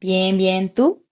Bien, bien, ¿tú?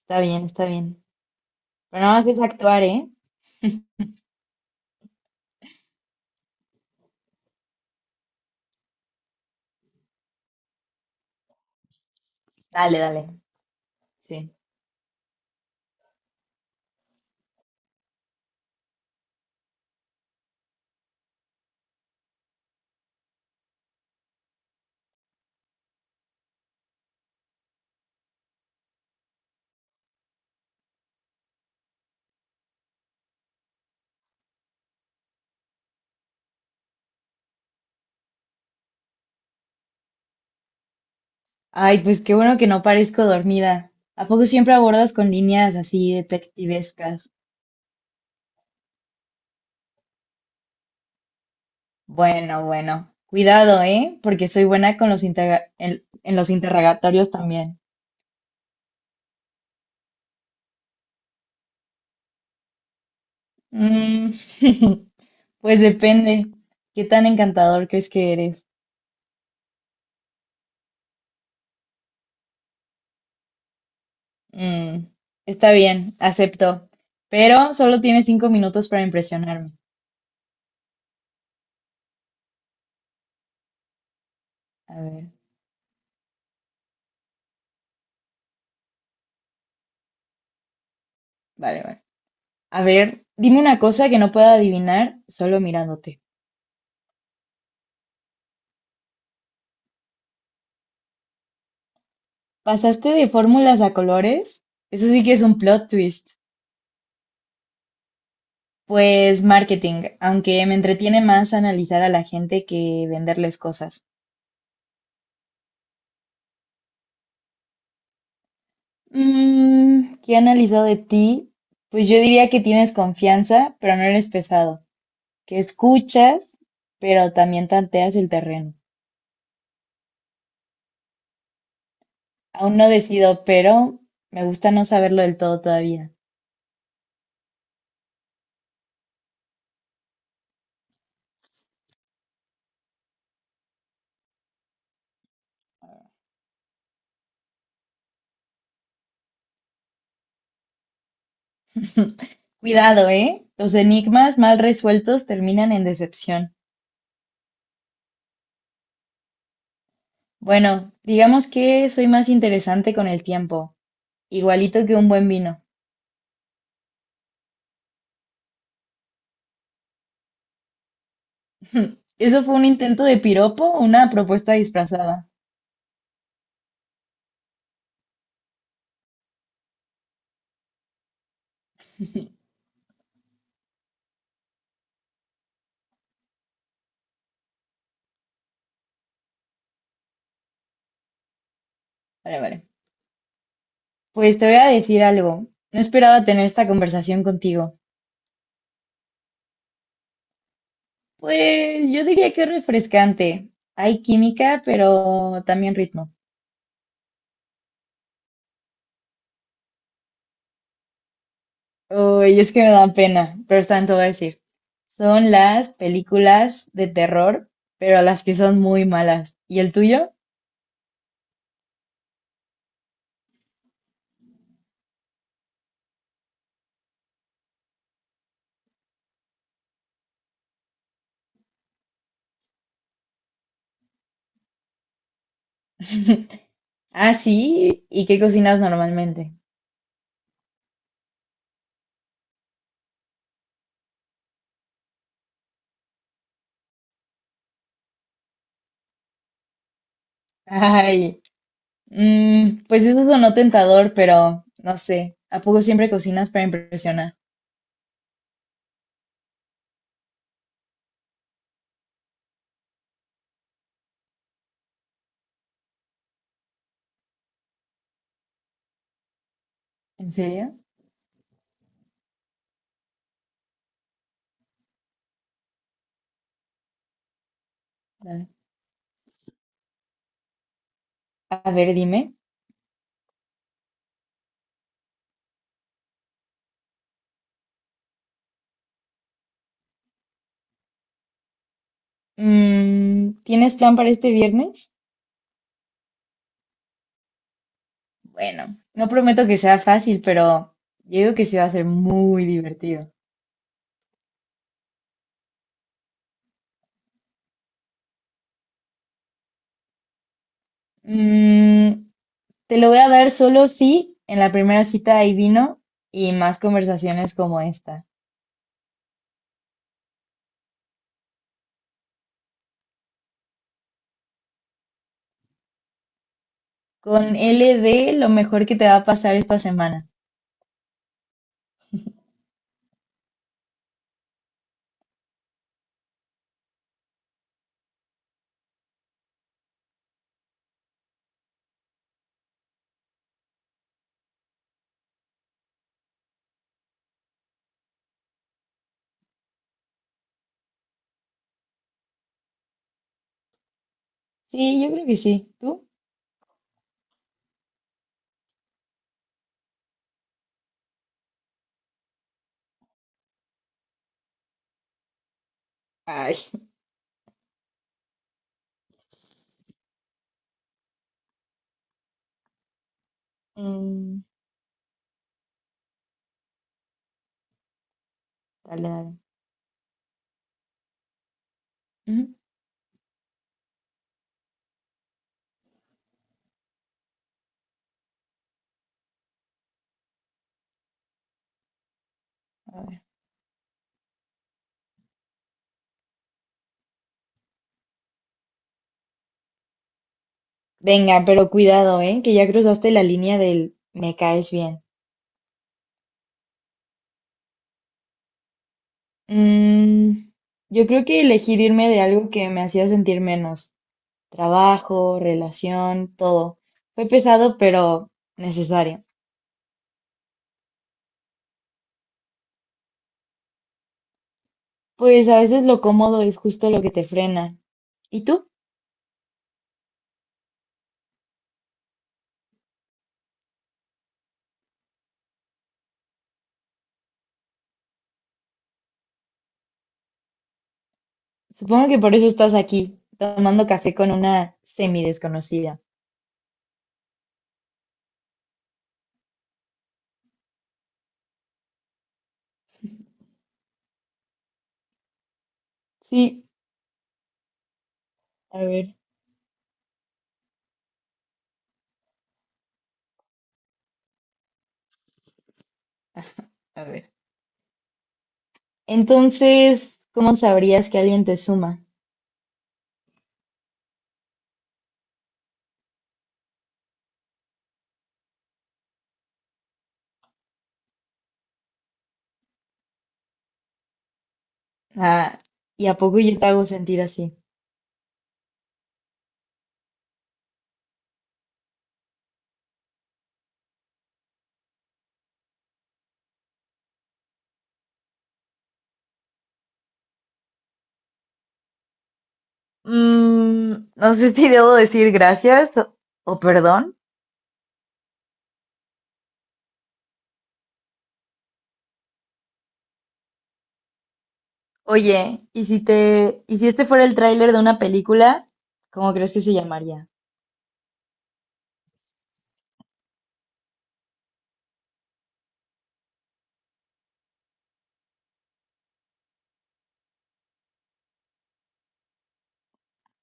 Está bien, está bien. Pero nada más es actuar, ¿eh? Dale, dale. Sí. Ay, pues qué bueno que no parezco dormida. ¿A poco siempre abordas con líneas así detectivescas? Bueno, bueno. Cuidado, ¿eh? Porque soy buena con los interga- en los interrogatorios también. Mm, pues depende. ¿Qué tan encantador crees que eres? Mm, está bien, acepto. Pero solo tienes cinco minutos para impresionarme. A ver, vale, vale. A ver, dime una cosa que no pueda adivinar solo mirándote. ¿Pasaste de fórmulas a colores? Eso sí que es un plot twist. Pues marketing, aunque me entretiene más analizar a la gente que venderles cosas. Mm, ¿qué he analizado de ti? Pues yo diría que tienes confianza, pero no eres pesado. Que escuchas, pero también tanteas el terreno. Aún no decido, pero me gusta no saberlo del todo todavía. Cuidado, ¿eh? Los enigmas mal resueltos terminan en decepción. Bueno, digamos que soy más interesante con el tiempo, igualito que un buen vino. Eso fue un intento de piropo, o una propuesta disfrazada. Vale, vale. Pues te voy a decir algo. No esperaba tener esta conversación contigo. Pues yo diría que es refrescante. Hay química, pero también ritmo. Uy, es que me dan pena, pero están, te voy a decir. Son las películas de terror, pero las que son muy malas. ¿Y el tuyo? Ah, sí. ¿Y qué cocinas normalmente? Ay, mm, pues eso sonó tentador, pero no sé. ¿A poco siempre cocinas para impresionar? ¿En serio? Dale. A ver, dime. Mm, ¿tienes plan para este viernes? Bueno, no prometo que sea fácil, pero yo digo que sí va a ser muy divertido. Mm, te lo voy a dar solo si en la primera cita hay vino y más conversaciones como esta. Con LD, lo mejor que te va a pasar esta semana. Sí, yo creo que sí. ¿Tú? Ay. Mm, dale, dale. Ujú, a ver. Venga, pero cuidado, ¿eh? Que ya cruzaste la línea del me caes bien. Mm, yo creo que elegir irme de algo que me hacía sentir menos. Trabajo, relación, todo. Fue pesado, pero necesario. Pues a veces lo cómodo es justo lo que te frena. ¿Y tú? Supongo que por eso estás aquí, tomando café con una semi desconocida. Sí, a ver, a ver. Entonces, ¿cómo sabrías que alguien te suma? Ah, ¿y a poco yo te hago sentir así? Mm, no sé si debo decir gracias o perdón. Oye, ¿y si te, y si este fuera el tráiler de una película, cómo crees que se llamaría?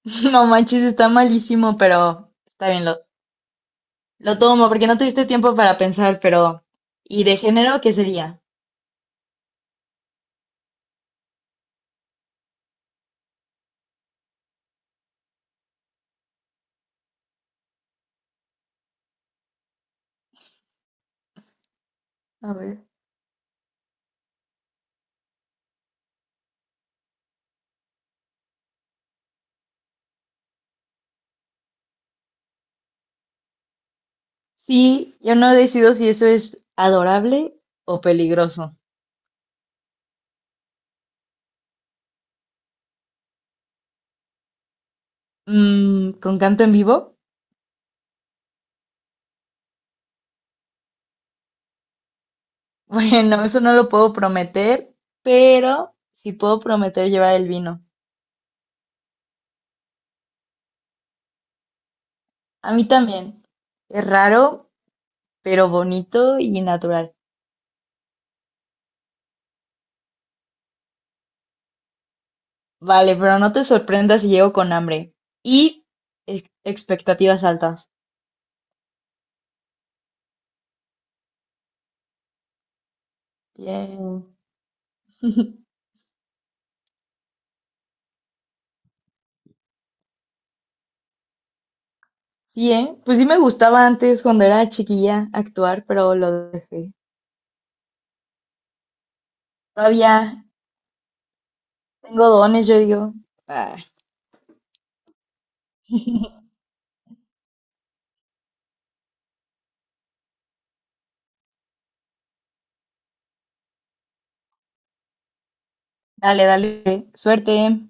No manches, está malísimo, pero está bien, lo tomo porque no tuviste tiempo para pensar, pero ¿y de género qué sería? A ver. Sí, yo no decido si eso es adorable o peligroso. Mm, ¿con canto en vivo? Bueno, eso no lo puedo prometer, pero sí puedo prometer llevar el vino. A mí también. Es raro, pero bonito y natural. Vale, pero no te sorprendas si llego con hambre y expectativas altas. Bien. Sí, ¿eh? Pues sí me gustaba antes cuando era chiquilla actuar, pero lo dejé. Todavía tengo dones, yo digo. Ah, dale, dale, suerte.